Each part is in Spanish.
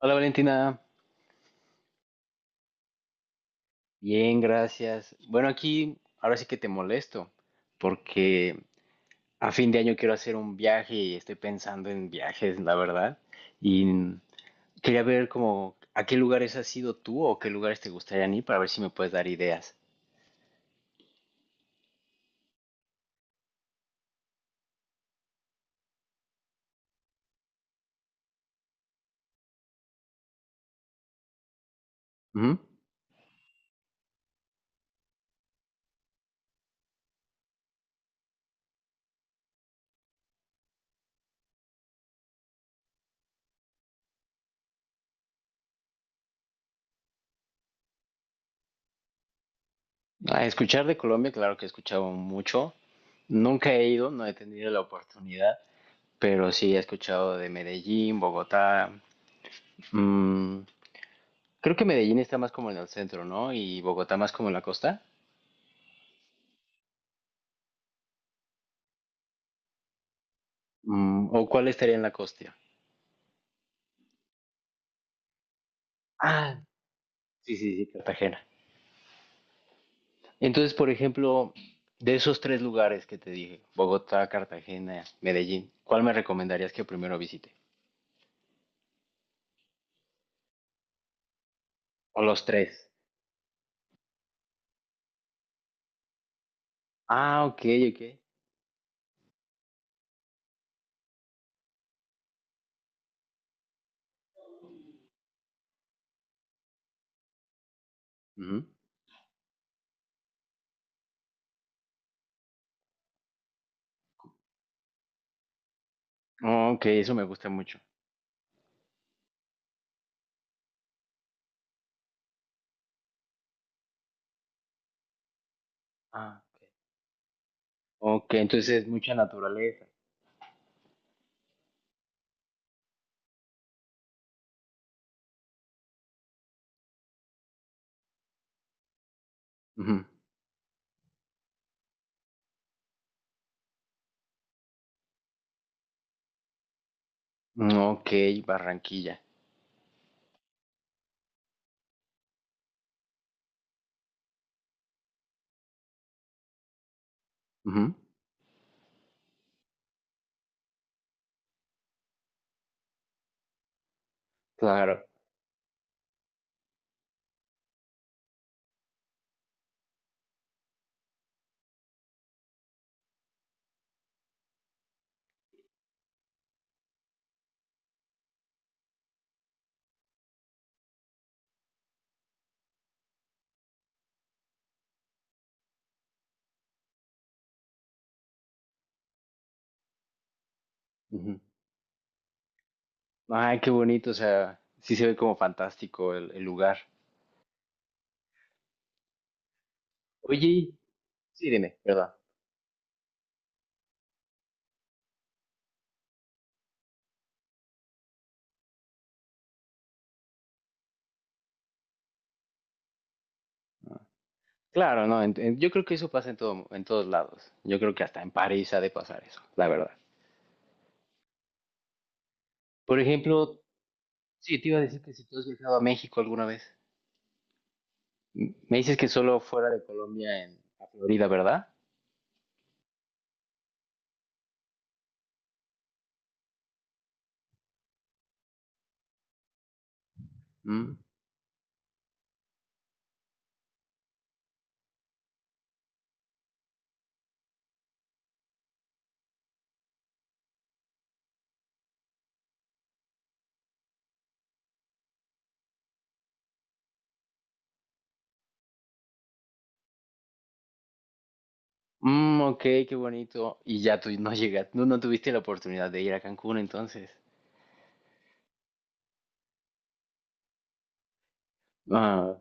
Hola Valentina, bien, gracias. Bueno, aquí ahora sí que te molesto, porque a fin de año quiero hacer un viaje y estoy pensando en viajes, la verdad. Y quería ver como a qué lugares has ido tú o qué lugares te gustaría ir para ver si me puedes dar ideas. Ujú. A escuchar de Colombia, claro que he escuchado mucho. Nunca he ido, no he tenido la oportunidad, pero sí he escuchado de Medellín, Bogotá, mm, creo que Medellín está más como en el centro, ¿no? Y Bogotá más como en la costa. Mm, ¿o cuál estaría en la costa? Ah, sí, sí, sí, Cartagena. Entonces, por ejemplo, de esos tres lugares que te dije, Bogotá, Cartagena, Medellín, ¿cuál me recomendarías que primero visite? O los tres. Ah, ok, ok. Ujú. Oh, ok, eso me gusta mucho. Ah, ok. Ok, entonces es mucha naturaleza. Ujú. Mm, ok, Barranquilla. Ujú. Claro. Ay, qué bonito, o sea, sí se ve como fantástico el lugar. Oye, sí, dime, ¿verdad? Claro, no, yo creo que eso pasa en todo, en todos lados. Yo creo que hasta en París ha de pasar eso, la verdad. Por ejemplo, sí, te iba a decir que si tú has viajado a México alguna vez. Me dices que solo fuera de Colombia, en a Florida, ¿verdad? Mm. Mm, ok, qué bonito. Y ya tú no llegaste, no, no tuviste la oportunidad de ir a Cancún entonces. Ah,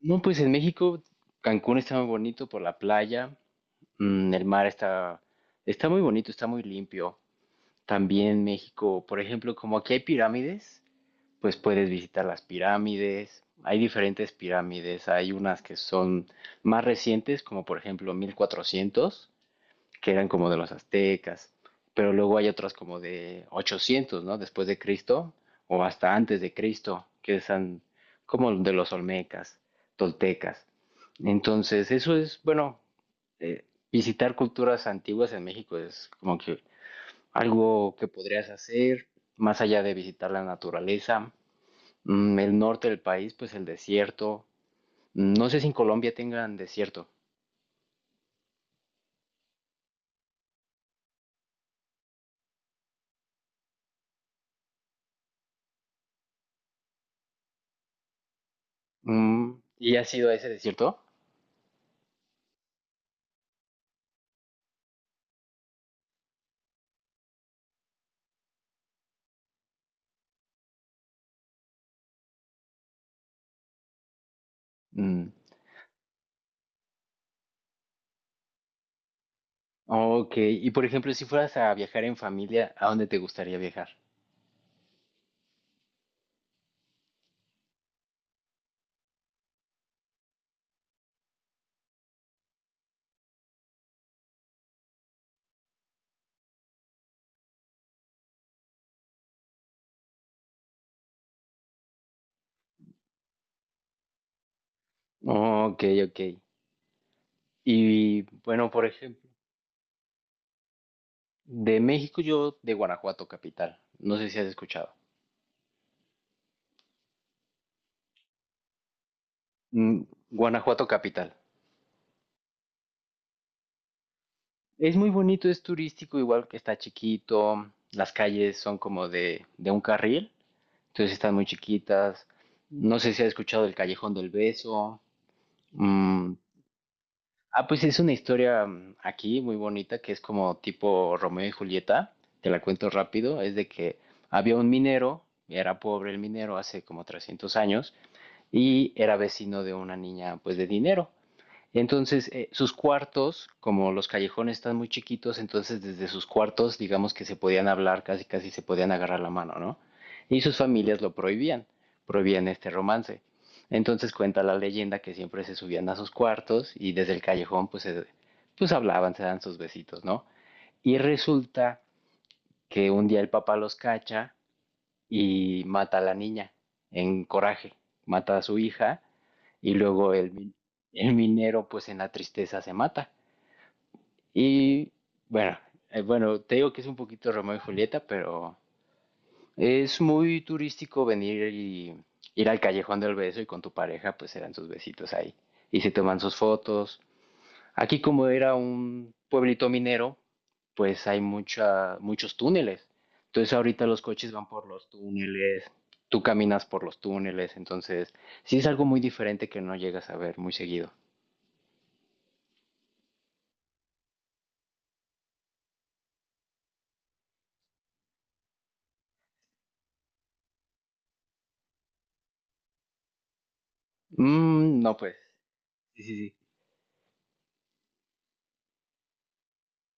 no, pues en México, Cancún está muy bonito por la playa. Mm, el mar está, está muy bonito, está muy limpio. También México, por ejemplo, como aquí hay pirámides, pues puedes visitar las pirámides. Hay diferentes pirámides, hay unas que son más recientes, como por ejemplo 1400, que eran como de los aztecas, pero luego hay otras como de 800, ¿no? Después de Cristo o hasta antes de Cristo, que son como de los olmecas, toltecas. Entonces, eso es, bueno, eh, visitar culturas antiguas en México es como que algo que podrías hacer, más allá de visitar la naturaleza, el norte del país, pues el desierto. Mm, no sé si en Colombia tengan desierto. Mm, ¿y has ido a ese desierto? Mm, ok, y por ejemplo, si fueras a viajar en familia, ¿a dónde te gustaría viajar? Ok, ok. Y bueno, por ejemplo, de México yo de Guanajuato capital. No sé si has escuchado. Mm, Guanajuato capital. Es muy bonito, es turístico, igual que está chiquito. Las calles son como de un carril, entonces están muy chiquitas. No sé si has escuchado el Callejón del Beso. Mm. Ah, pues es una historia aquí muy bonita que es como tipo Romeo y Julieta. Te la cuento rápido. Es de que había un minero, era pobre el minero hace como 300 años y era vecino de una niña pues de dinero. Entonces, sus cuartos, como los callejones están muy chiquitos, entonces desde sus cuartos, digamos que se podían hablar, casi casi se podían agarrar la mano, ¿no? Y sus familias lo prohibían, prohibían este romance. Entonces cuenta la leyenda que siempre se subían a sus cuartos y desde el callejón pues, pues hablaban, se dan sus besitos, ¿no? Y resulta que un día el papá los cacha y mata a la niña en coraje, mata a su hija y luego el minero pues en la tristeza se mata. Y bueno, bueno, te digo que es un poquito Romeo y Julieta, pero es muy turístico venir y ir al callejón del beso y con tu pareja pues se dan sus besitos ahí y se toman sus fotos. Aquí como era un pueblito minero, pues hay muchos túneles. Entonces ahorita los coches van por los túneles, tú caminas por los túneles, entonces sí es algo muy diferente que no llegas a ver muy seguido. Mm, no, pues, sí, sí, sí.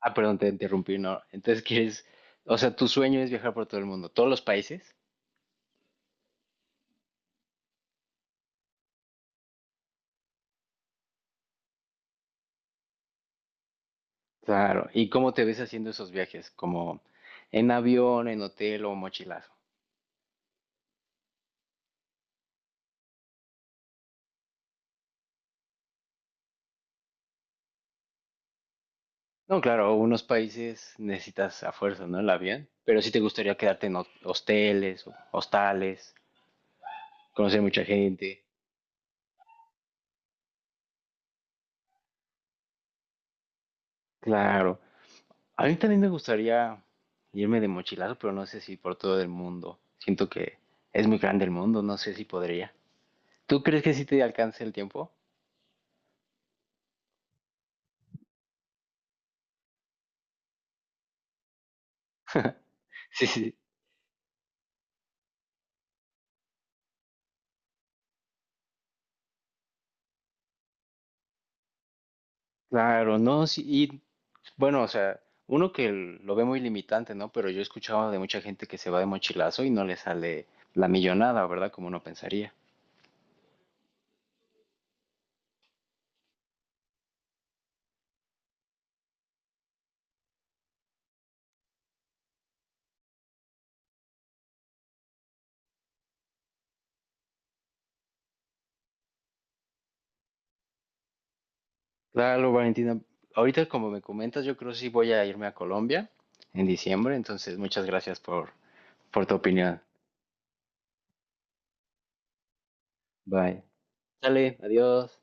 Ah, perdón, te interrumpí, no. Entonces quieres, o sea, tu sueño es viajar por todo el mundo, todos los países. Claro. ¿Y cómo te ves haciendo esos viajes? ¿Como en avión, en hotel o mochilazo? No, claro, unos países necesitas a fuerza, ¿no? El avión. Pero sí te gustaría quedarte en hosteles, o hostales, conocer mucha gente. Claro. A mí también me gustaría irme de mochilazo, pero no sé si por todo el mundo. Siento que es muy grande el mundo, no sé si podría. ¿Tú crees que sí te alcance el tiempo? Sí, sí. Claro, no, sí. Y bueno, o sea, uno que lo ve muy limitante, ¿no? Pero yo he escuchado de mucha gente que se va de mochilazo y no le sale la millonada, ¿verdad? Como uno pensaría. Claro, Valentina. Ahorita, como me comentas, yo creo que sí voy a irme a Colombia en diciembre, entonces muchas gracias por tu opinión. Bye. Dale, adiós.